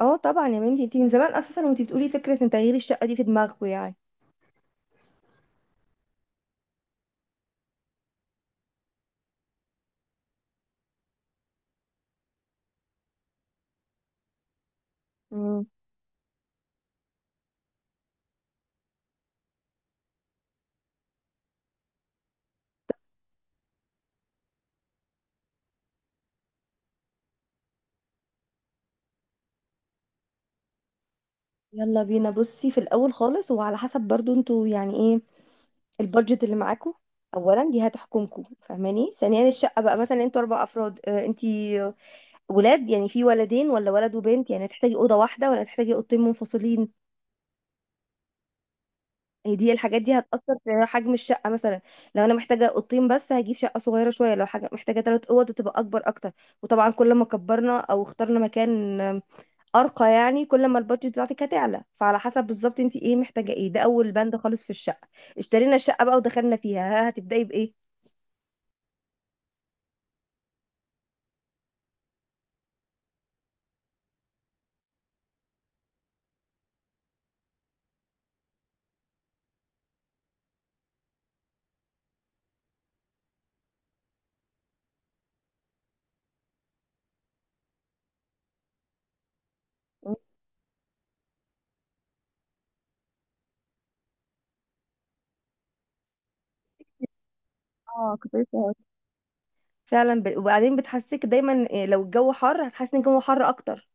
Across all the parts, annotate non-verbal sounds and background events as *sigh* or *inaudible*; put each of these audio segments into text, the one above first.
اه طبعا يا بنتي، انتي من زمان اساسا وانتي بتقولي فكره ان تغيير الشقه دي في دماغكوا يعني. مم. يلا بينا، بصي في الاول خالص، وعلى حسب برضو انتوا يعني ايه البادجت اللي معاكوا. اولا دي هتحكمكوا، فاهماني؟ ثانيا الشقه بقى مثلا انتوا اربع افراد، اه انتي ولاد يعني، في ولدين ولا ولد وبنت؟ يعني هتحتاجي اوضه واحده ولا هتحتاجي اوضتين منفصلين؟ هي دي الحاجات دي هتاثر في حجم الشقه مثلا. لو انا محتاجه اوضتين بس هجيب شقه صغيره شويه، لو حاجه محتاجه ثلاث اوض تبقى اكبر اكتر. وطبعا كل ما كبرنا او اخترنا مكان ارقى يعني، كل ما البادجت بتاعتك هتعلى. فعلى حسب بالظبط انت ايه محتاجه ايه، ده اول بند خالص في الشقه. اشترينا الشقه بقى ودخلنا فيها، ها هتبداي بايه؟ اه، كنت لسه هقول. فعلا، وبعدين بتحسسك دايما إيه، لو الجو حر هتحسي ان الجو حر اكتر،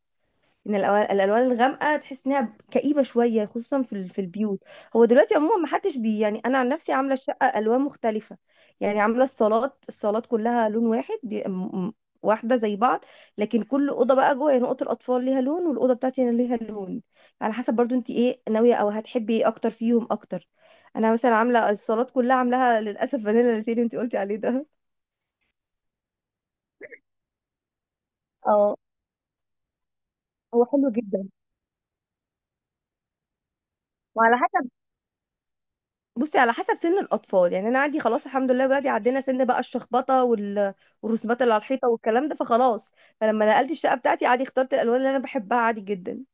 ان الألوان الغامقه تحس انها كئيبه شويه، خصوصا في في البيوت. هو دلوقتي عموما ما حدش بي يعني، انا عن نفسي عامله الشقه الوان مختلفه. يعني عامله الصالات كلها لون واحد، واحده زي بعض. لكن كل اوضه بقى جوه يعني، اوضه الاطفال ليها لون والاوضه بتاعتي انا ليها لون، على حسب برضو انت ايه ناويه او هتحبي ايه اكتر فيهم اكتر. انا مثلا عامله الصالات كلها، عاملاها للاسف فانيلا لاتيه اللي انت قلتي عليه ده. اه. هو حلو جدا. وعلى حسب، بصي على حسب سن الاطفال. يعني انا عندي خلاص الحمد لله ولادي عدينا سن بقى الشخبطه والرسومات اللي على الحيطه والكلام ده، فخلاص. فلما نقلت الشقه بتاعتي عادي اخترت الالوان اللي انا بحبها عادي جدا.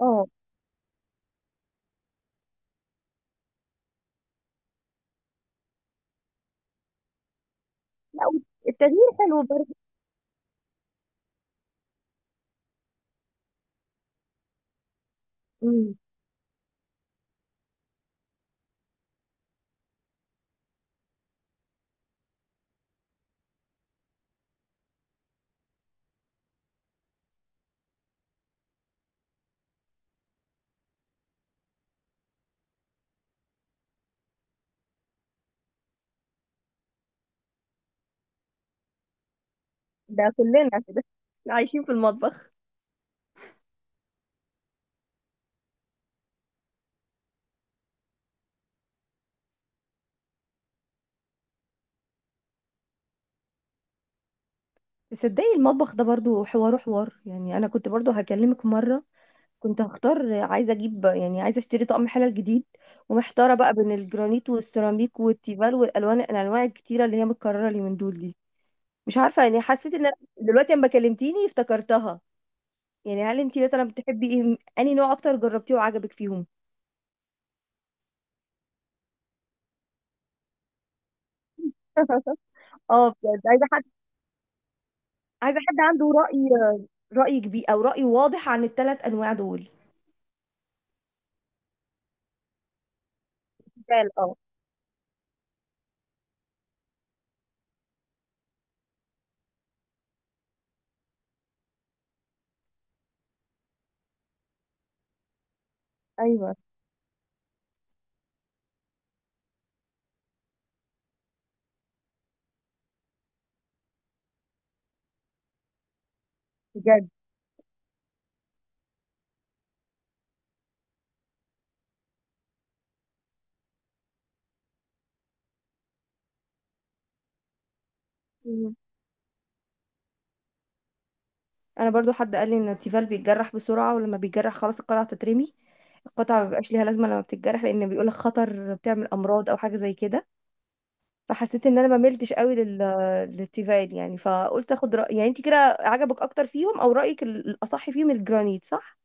اه. لا. التغيير حلو برضه. أمم، ده كلنا كده عايشين في المطبخ. تصدقي المطبخ ده برضو حوار حوار، يعني انا كنت برضو هكلمك مره. كنت هختار، عايزه اجيب يعني عايزه اشتري طقم حلل جديد، ومحتاره بقى بين الجرانيت والسيراميك والتيفال والالوان، الانواع الكتيره اللي هي متكرره اليومين دول دي. مش عارفة يعني، حسيت ان أنا دلوقتي لما كلمتيني افتكرتها. يعني هل انتي مثلا بتحبي ايه، انهي نوع اكتر جربتيه وعجبك فيهم؟ *laughs* اه بجد. عايزة حد عنده رأي، رأي كبير او رأي واضح عن الثلاث انواع دول. جال اه. ايوه. بجد. مم. انا برضو حد قال لي ان التيفال بيتجرح بسرعة، ولما بيتجرح خلاص القطعة تترمي. القطعة ما بيبقاش ليها لازمة لما بتتجرح، لان بيقولك خطر بتعمل امراض او حاجة زي كده. فحسيت ان انا ما ملتش قوي للتيفال يعني. فقلت اخد رأي، يعني انت كده عجبك اكتر فيهم او رأيك الاصح فيهم الجرانيت، صح؟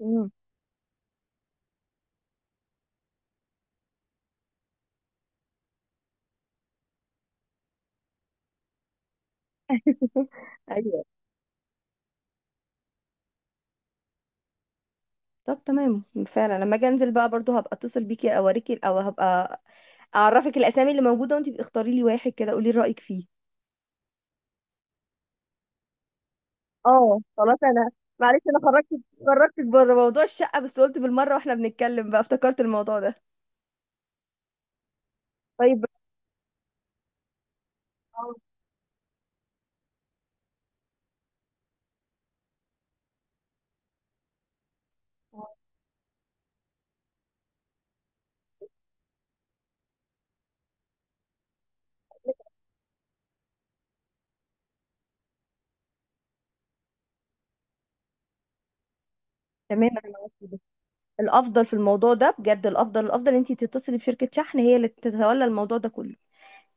مم. *laughs* ايوه. طب تمام. فعلا لما اجي انزل بقى برضو هبقى اتصل بيكي اوريكي، او هبقى اعرفك الاسامي اللي موجودة وانت اختاري لي واحد كده قولي رأيك فيه. اه خلاص. انا معلش انا خرجت، خرجتك بره موضوع الشقة، بس قلت بالمرة واحنا بنتكلم بقى افتكرت الموضوع ده. طيب. *laughs* آه، آه. تمام أنا معاكي. الافضل في الموضوع ده بجد، الافضل الافضل انت تتصلي بشركه شحن، هي اللي تتولى الموضوع ده كله.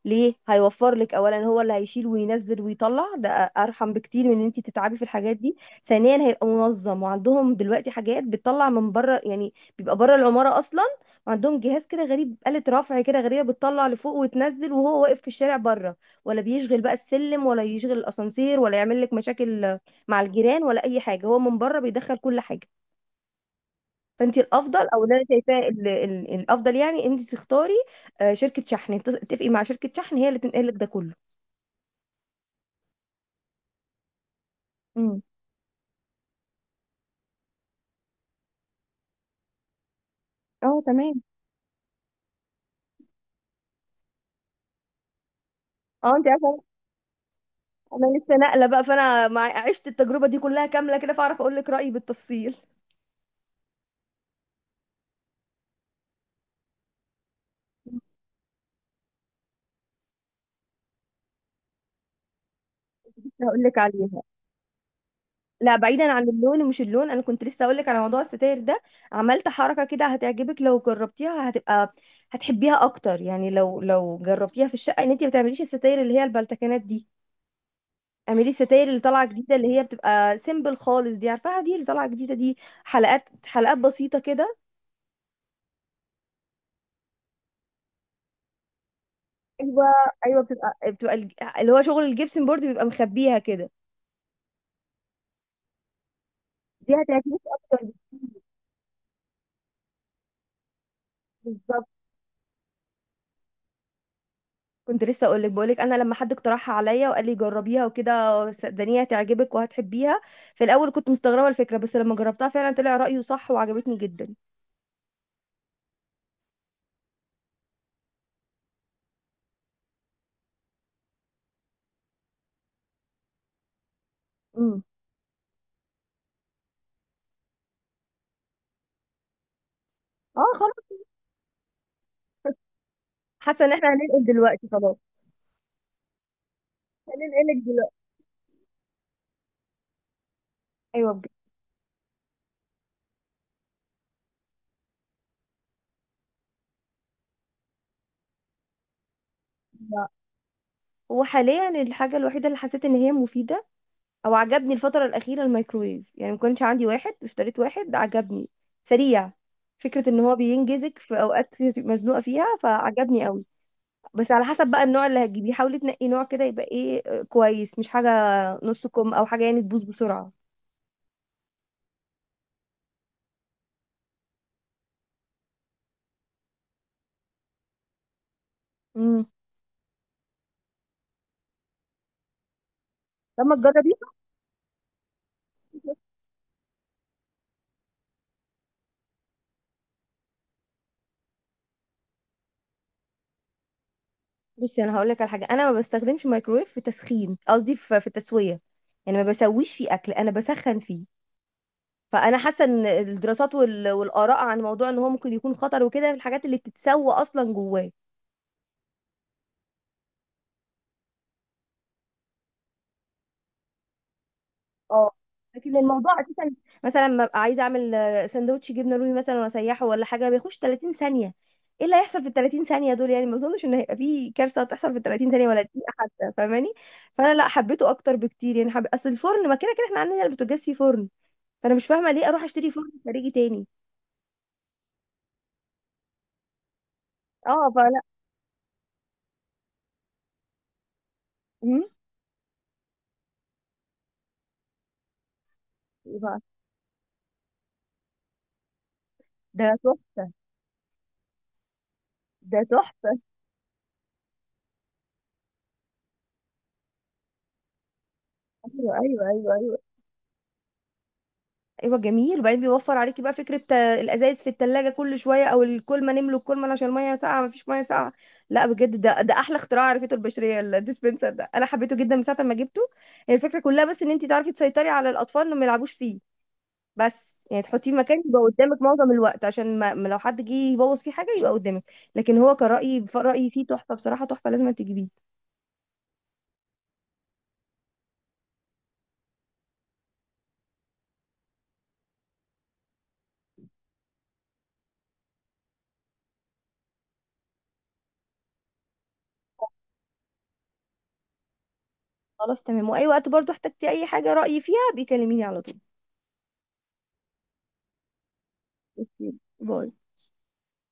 ليه؟ هيوفر لك. اولا هو اللي هيشيل وينزل ويطلع ده، ارحم بكتير من ان انت تتعبي في الحاجات دي. ثانيا هيبقى منظم، وعندهم دلوقتي حاجات بتطلع من بره، يعني بيبقى بره العماره اصلا. وعندهم جهاز كده غريب، آلة رفع كده غريبة، بتطلع لفوق وتنزل وهو واقف في الشارع بره. ولا بيشغل بقى السلم ولا يشغل الأسانسير، ولا يعمل لك مشاكل مع الجيران ولا أي حاجة، هو من بره بيدخل كل حاجة. فانت الافضل، او اللي انا شايفاه الافضل يعني، انت تختاري، آه، شركه شحن، تتفقي مع شركه شحن، هي اللي تنقل لك ده كله. امم. اه تمام. اه انت عارفه، انا لسه ناقله بقى، فانا عشت التجربه دي كلها كامله كده، فاعرف اقول لك رايي بالتفصيل. *laughs* هقول لك عليها. لا، بعيدا عن اللون ومش اللون، انا كنت لسه اقول لك على موضوع الستاير ده. عملت حركه كده هتعجبك لو جربتيها، هتبقى هتحبيها اكتر. يعني لو جربتيها في الشقه، ان انت ما تعمليش الستاير اللي هي البلتكنات دي، اعملي الستاير اللي طالعه جديده، اللي هي بتبقى سيمبل خالص دي، عارفاها؟ دي اللي طالعه جديده دي. حلقات حلقات بسيطه كده. ايوه، ايوه. بتبقى اللي هو شغل الجبسن بورد بيبقى مخبيها كده. دي هتعجبك اكتر. بالظبط. كنت لسه اقول لك، بقول لك انا لما حد اقترحها عليا وقال لي جربيها وكده، صدقني هتعجبك وهتحبيها. في الاول كنت مستغربه الفكره، بس لما جربتها فعلا طلع رايه صح وعجبتني جدا. امم. اه خلاص. حاسه ان احنا هننقل دلوقتي خلاص. هننقلك دلوقتي. ايوه بجد. وحاليا الحاجة الوحيدة اللي حسيت ان هي مفيدة او عجبني الفترة الأخيرة الميكرويف، يعني ما كانش عندي واحد، اشتريت واحد عجبني. سريع. فكرة ان هو بينجزك في اوقات *laughs* كتير تبقي مزنوقة فيها، فعجبني قوي. بس على حسب بقى النوع اللي هتجيبيه، حاولي تنقي نوع كده يبقى ايه، آه، كويس، مش حاجة نص كم او حاجة يعني تبوظ بسرعة. امم. لما تجربي، بصي انا هقول لك على حاجة، انا ما بستخدمش مايكرويف في تسخين، قصدي في التسوية. يعني ما بسويش فيه اكل، انا بسخن فيه. فانا حاسه ان الدراسات والاراء عن موضوع ان هو ممكن يكون خطر وكده في الحاجات اللي بتتسوى اصلا جواه. اه، لكن الموضوع اساسا، مثلا ما ابقى عايزه اعمل، آه، سندوتش جبنه رومي مثلا واسيحه ولا حاجه، بيخش 30 ثانيه. ايه اللي هيحصل في ال 30 ثانيه دول يعني؟ ما اظنش ان هيبقى في كارثه هتحصل في ال 30 ثانيه ولا دقيقه حتى، فاهماني؟ فانا لا، حبيته اكتر بكتير يعني. اصل الفرن ما كده كده احنا عندنا البوتاجاز فيه فرن، فانا مش فاهمه ليه اروح اشتري فرن خارجي تاني. اه، فلا. امم. إيه بقى؟ ده تحفه. ده تحفه. ايوه، ايوه، ايوه، ايوه، جميل. وبعدين بيوفر عليكي بقى فكره، آه، الازايز في التلاجة كل شويه، او الكولمه، نملوا الكولمه عشان الميه ساقعه مفيش ميه ساقعه. لا بجد، ده احلى اختراع عرفته البشريه، الديسبنسر ده انا حبيته جدا من ساعه ما جبته. هي الفكره كلها بس ان انت تعرفي تسيطري على الاطفال انهم ما يلعبوش فيه بس. يعني تحطيه مكان يبقى قدامك معظم الوقت، عشان ما لو حد جه يبوظ فيه حاجه يبقى قدامك. لكن هو كرأيي، رأيي فيه تحفه بصراحه، تحفه لازم تجيبيه. خلاص تمام. واي وقت برضو احتجتي اي حاجه رأيي فيها، بيكلميني على طول. اوكي. باي.